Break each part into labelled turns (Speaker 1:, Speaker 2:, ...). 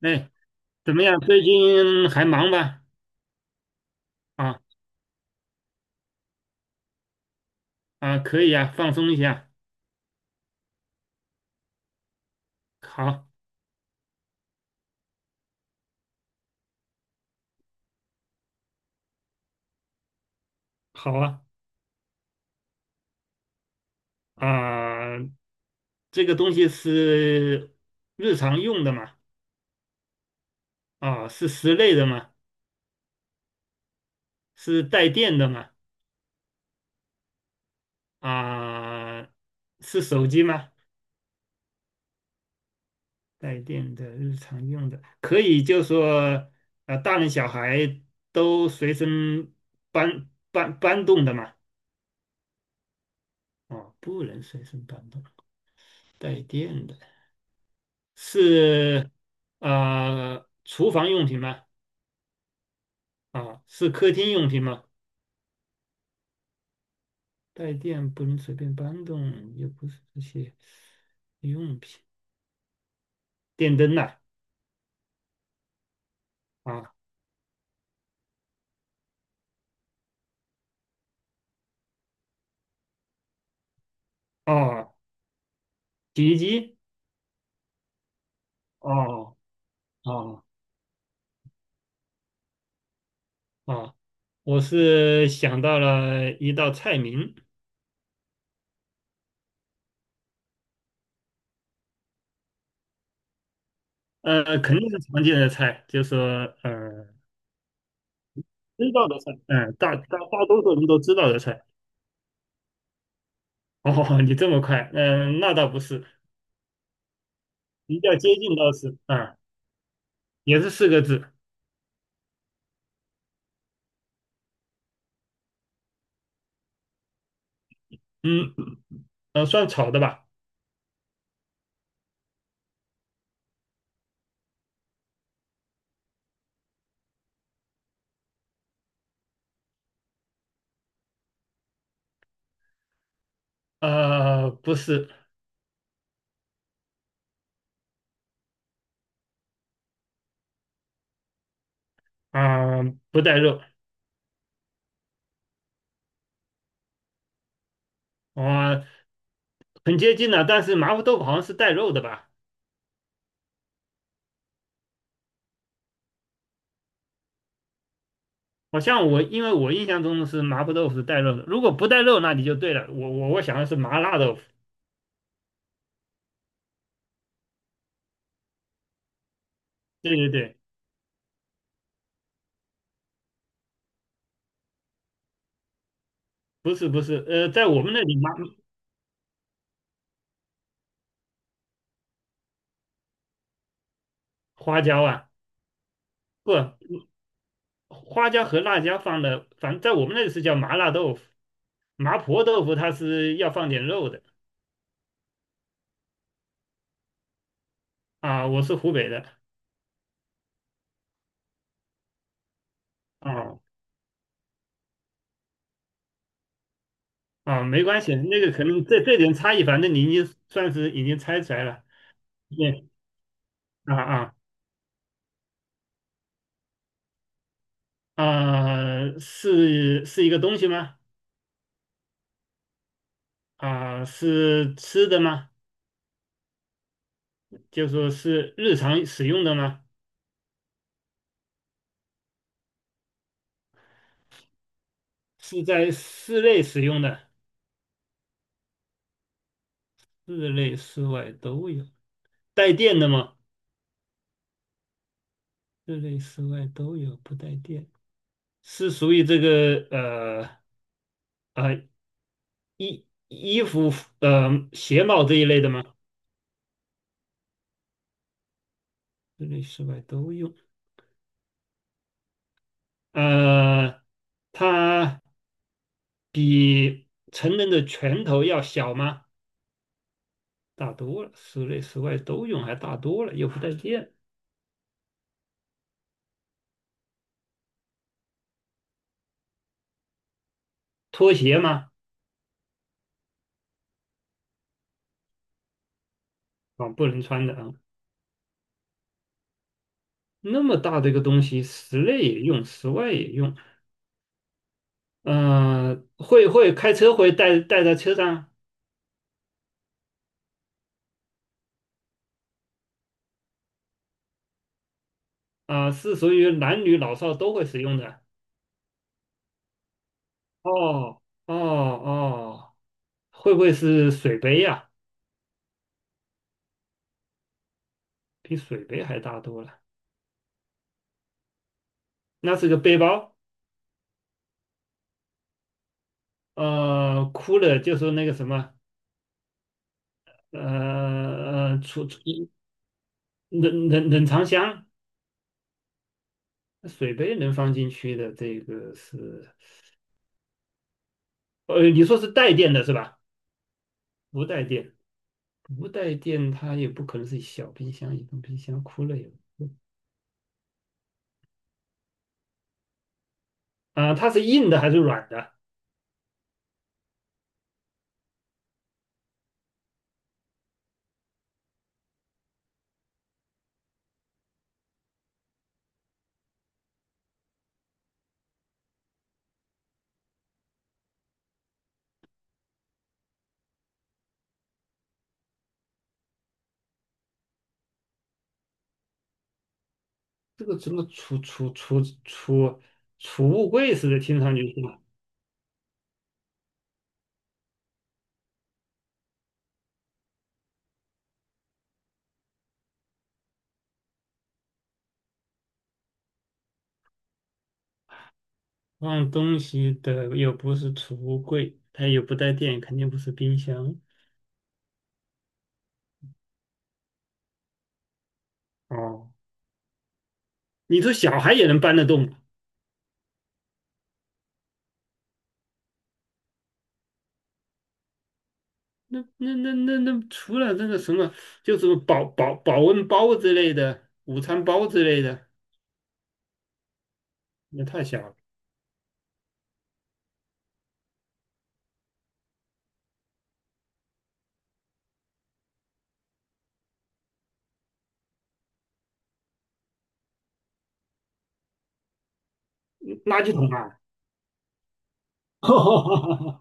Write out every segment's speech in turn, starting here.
Speaker 1: 哎，怎么样？最近还忙吗？啊啊，可以啊，放松一下。好，好啊，啊，这个东西是日常用的嘛？啊，是室内的嘛？是带电的嘛？啊，是手机吗？带电的日常用的，可以就说，大人小孩都随身搬动的嘛？哦，不能随身搬动，带电的。是啊，厨房用品吗？啊，是客厅用品吗？带电不能随便搬动，也不是这些用品，电灯呐、啊，哦，洗衣机，哦哦哦，我是想到了一道菜名，肯定是常见的菜，就是说呃知道的菜，嗯、大多数人都知道的菜。哦，你这么快，嗯、那倒不是，比较接近倒是，啊、也是四个字。嗯，算炒的吧？不是，啊、不带肉，啊、很接近了。但是麻婆豆腐好像是带肉的吧？好像我，因为我印象中是麻婆豆腐是带肉的。如果不带肉，那你就对了。我想的是麻辣豆腐。对对对，不是不是，在我们那里麻花椒啊，不，花椒和辣椒放的，反正在我们那里是叫麻辣豆腐。麻婆豆腐它是要放点肉的啊、我是湖北的啊、啊，没关系，那个可能这点差异，反正你已经算是已经猜出来了。对，啊啊啊，是一个东西吗？啊，是吃的吗？就说是日常使用的吗？是在室内使用的，室内室外都有。带电的吗？室内室外都有，不带电。是属于这个呃衣服鞋帽这一类的吗？室内室外都用。呃，它比成人的拳头要小吗？大多了，室内室外都用，还大多了，又不带电。拖鞋吗？啊，不能穿的啊。那么大的一个东西，室内也用，室外也用。会开车会带在车上啊，是属于男女老少都会使用的。哦哦哦，会不会是水杯呀？比水杯还大多了。那是个背包。哭了就说那个什么，呃呃，储储冷藏箱、水杯能放进去的，这个是，你说是带电的是吧？不带电，不带电，它也不可能是小冰箱、移动冰箱、哭了有啊、它是硬的还是软的？这个什么储物柜似的，听上去是吧？放东西的又不是储物柜，它又不带电，肯定不是冰箱。哦，你说小孩也能搬得动？那除了那个什么，就是保温包之类的，午餐包之类的，那太小了，垃圾桶啊！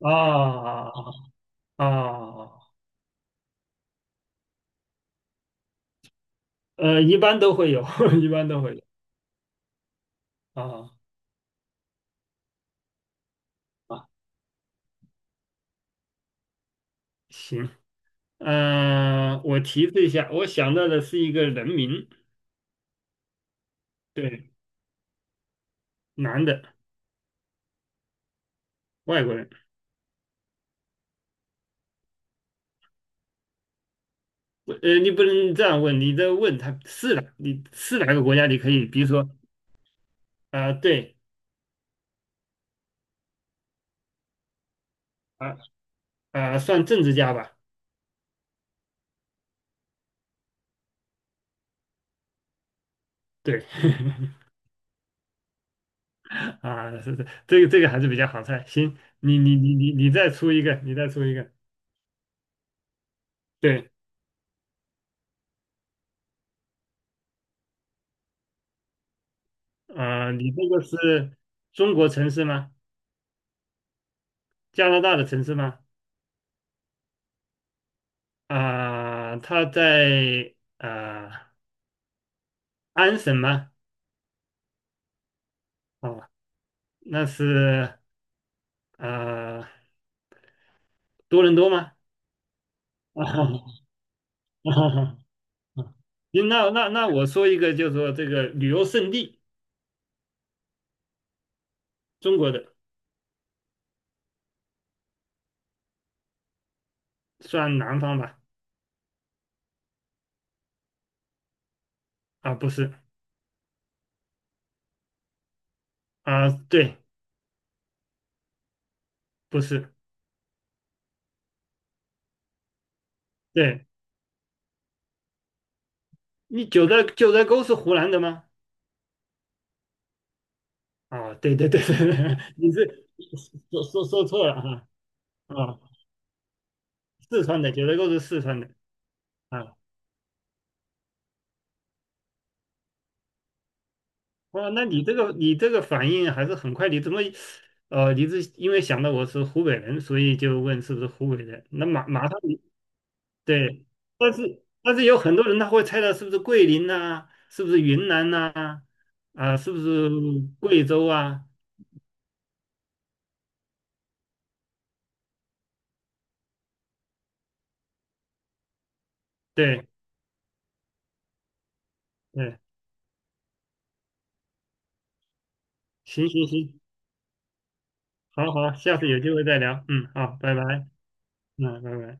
Speaker 1: 啊啊，一般都会有，一般都会有啊。啊，行，我提示一下，我想到的是一个人名，对，男的，外国人。你不能这样问，你这问他是哪，你是哪个国家？你可以，比如说，啊、对，啊。啊、算政治家吧，对，啊，是，这个还是比较好猜。行，你再出一个，你再出一个，对，啊、你这个是中国城市吗？加拿大的城市吗？啊、它在啊、安省吗？哦，那是啊、多伦多吗？啊，行，那我说一个，就是说这个旅游胜地，中国的算南方吧？啊，不是啊、对。不是，对，你九寨沟是湖南的吗？啊，对对对对对，你是说错了啊啊，四川的九寨沟是四川的啊，哇，那你这个反应还是很快，你怎么你是因为想到我是湖北人，所以就问是不是湖北人？那马上你对，但是有很多人他会猜到是不是桂林呐、是不是云南呐、啊，是不是贵州啊？对对，行行行。好好，下次有机会再聊。嗯，好，拜拜。嗯，拜拜。